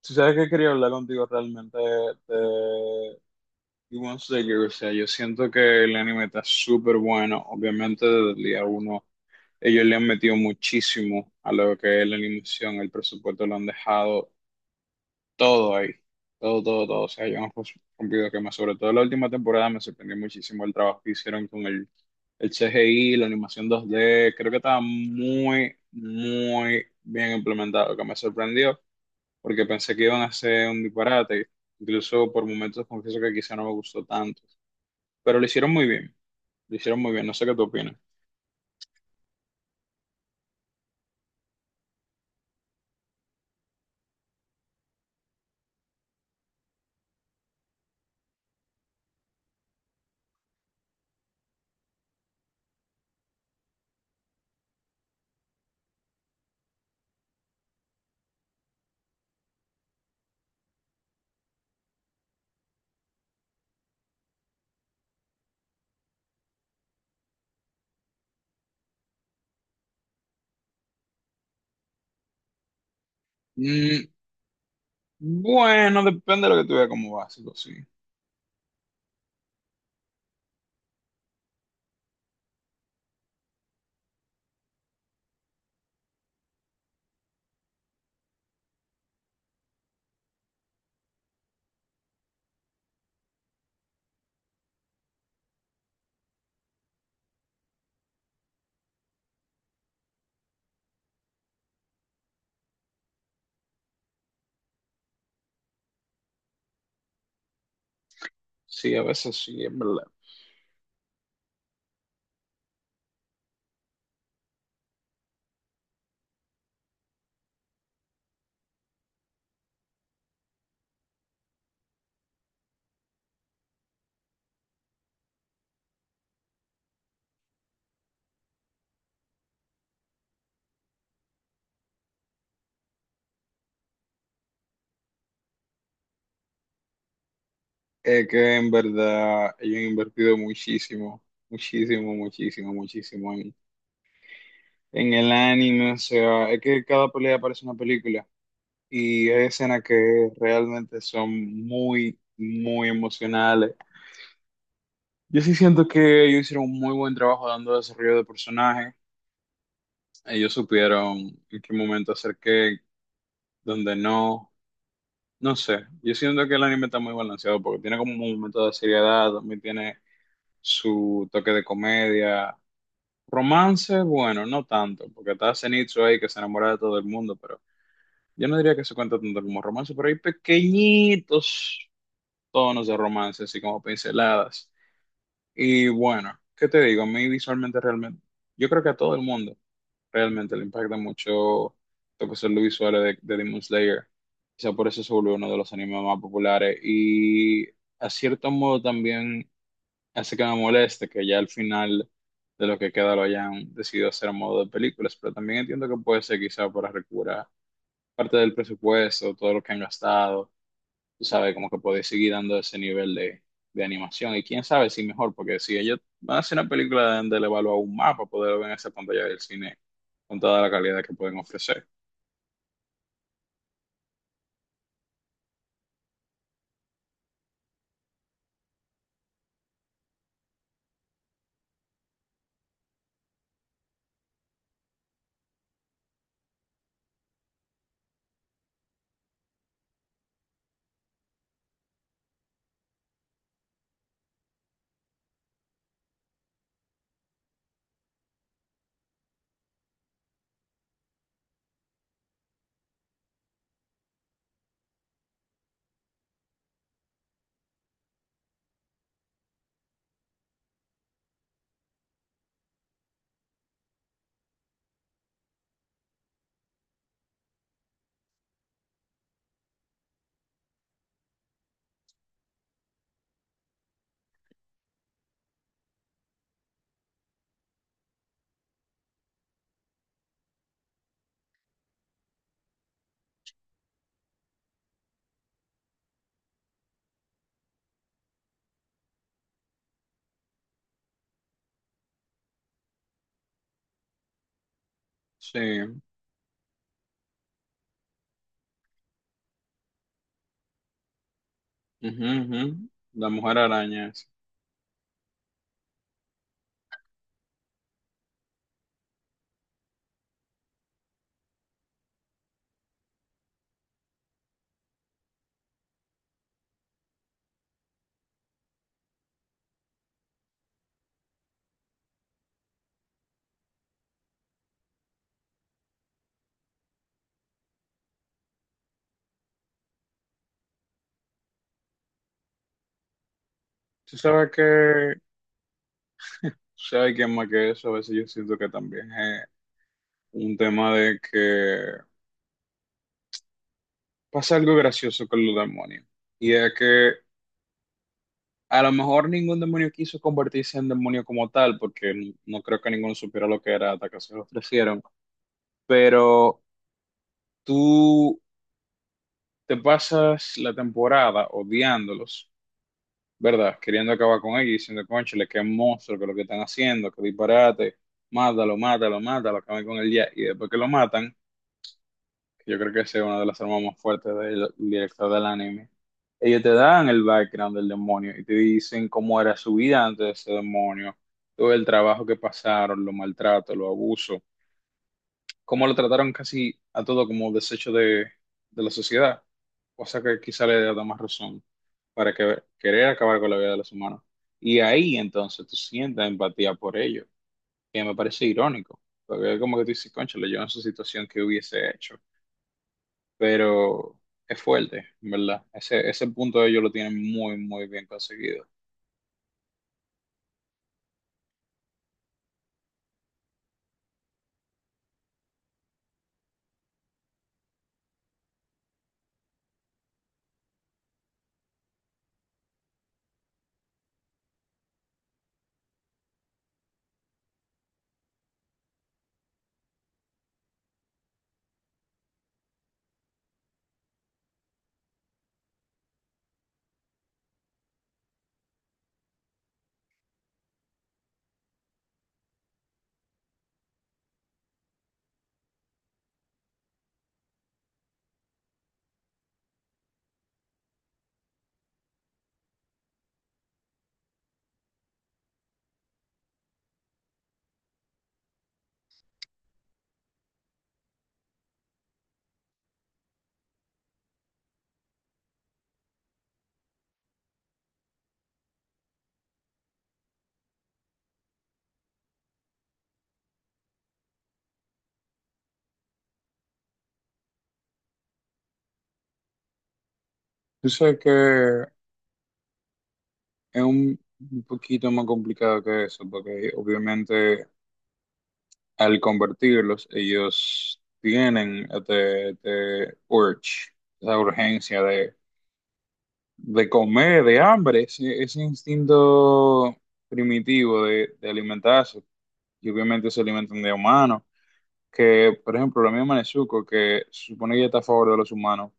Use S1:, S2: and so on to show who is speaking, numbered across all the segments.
S1: Si sabes que quería hablar contigo realmente de Demon Slayer, o sea, yo siento que el anime está súper bueno, obviamente desde el día uno ellos le han metido muchísimo a lo que es la animación, el presupuesto lo han dejado todo ahí, todo, todo, todo, o sea, yo no pues, cumplido que más, sobre todo la última temporada me sorprendió muchísimo el trabajo que hicieron con el CGI, la animación 2D, creo que estaba muy, muy bien implementado, que me sorprendió porque pensé que iban a hacer un disparate. Incluso por momentos confieso que quizá no me gustó tanto, pero lo hicieron muy bien, lo hicieron muy bien, no sé qué tú opinas. Mm, bueno, depende de lo que tú veas como básico, sí. Sí, a veces sí, es verdad. Es que en verdad ellos han invertido muchísimo, muchísimo, muchísimo, muchísimo en el anime. O sea, es que cada pelea parece una película y hay escenas que realmente son muy, muy emocionales. Yo sí siento que ellos hicieron un muy buen trabajo dando desarrollo de personaje. Ellos supieron en qué momento hacer qué, dónde no. No sé. Yo siento que el anime está muy balanceado porque tiene como un momento de seriedad, también tiene su toque de comedia. Romance, bueno, no tanto, porque está Zenitsu ahí que se enamora de todo el mundo, pero yo no diría que se cuenta tanto como romance, pero hay pequeñitos tonos de romance, así como pinceladas. Y bueno, ¿qué te digo? A mí visualmente realmente, yo creo que a todo el mundo realmente le impacta mucho lo que son los visuales de Demon Slayer. Quizá por eso se volvió uno de los animes más populares y a cierto modo también hace que me moleste que ya al final de lo que queda lo hayan decidido hacer a modo de películas, pero también entiendo que puede ser quizá para recuperar parte del presupuesto, todo lo que han gastado tú sabes, como que podés seguir dando ese nivel de animación. Y quién sabe si mejor, porque si ellos van a hacer una película deben de le evalúa un mapa, poder ver en esa pantalla del cine con toda la calidad que pueden ofrecer. Sí. Ujú, ujú. La Mujer Araña. Tú sabes que si hay quien más que eso, a veces yo siento que también es un tema de que pasa algo gracioso con los demonios. Y es que a lo mejor ningún demonio quiso convertirse en demonio como tal, porque no creo que ninguno supiera lo que era hasta que se lo ofrecieron. Pero tú te pasas la temporada odiándolos, ¿verdad? Queriendo acabar con ellos, diciendo, cónchale, qué monstruo, que lo que están haciendo, que disparate, mátalo, mátalo, mátalo, acaben con él ya. Y después que lo matan, que yo creo que esa es una de las armas más fuertes del director del anime, ellos te dan el background del demonio y te dicen cómo era su vida antes de ese demonio, todo el trabajo que pasaron, los maltratos, los abusos cómo lo trataron casi a todo como desecho de la sociedad, cosa que quizá le da más razón para que, querer acabar con la vida de los humanos. Y ahí entonces tú sientes empatía por ellos, que me parece irónico, porque es como que tú dices, cónchale, yo en su situación qué hubiese hecho, pero es fuerte, en ¿verdad? Ese punto ellos lo tienen muy, muy bien conseguido. Yo sé que es un poquito más complicado que eso, porque obviamente... al convertirlos, ellos tienen este urge, esa urgencia de comer, de hambre, ese instinto primitivo de alimentarse. Y obviamente se alimentan de humanos, que por ejemplo la misma Nezuko, que se supone que ella está a favor de los humanos,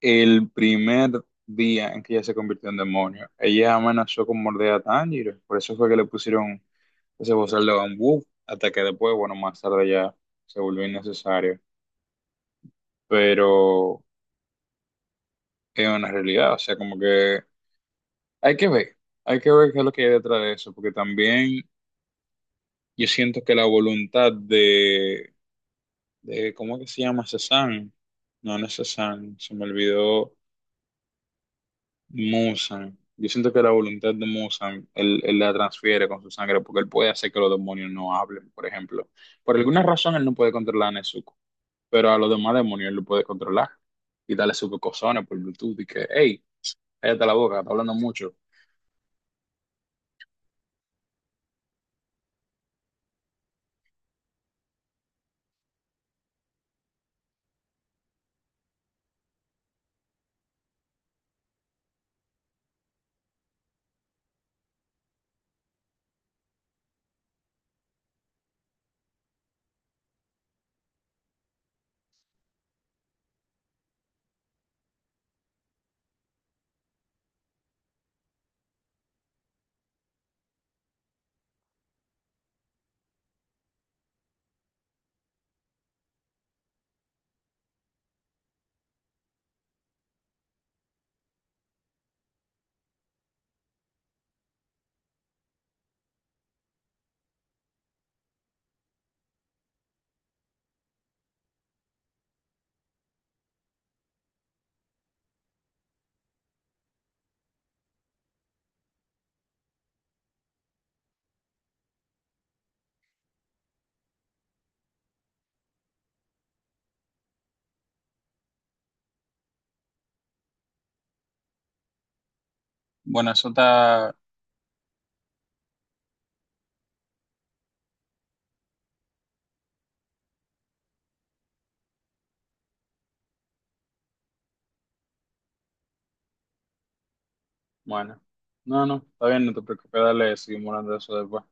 S1: el primer día en que ella se convirtió en demonio, ella amenazó con morder a Tanjiro, por eso fue que le pusieron ese bozal de bambú, hasta que después, bueno, más tarde ya se volvió innecesario. Pero es una realidad, o sea, como que hay que ver, hay que ver qué es lo que hay detrás de eso, porque también yo siento que la voluntad de ¿cómo que se llama? Cezanne, no, no es Cezanne, se me olvidó, Musan, yo siento que la voluntad de Musan, él la transfiere con su sangre, porque él puede hacer que los demonios no hablen, por ejemplo. Por alguna razón él no puede controlar a Nezuko, pero a los demás demonios él lo puede controlar y darle sus cocosones por Bluetooth y que, hey, cállate la boca, está hablando mucho. Bueno, eso está bueno. No, no, está bien, no te preocupes, dale, seguimos hablando de eso después.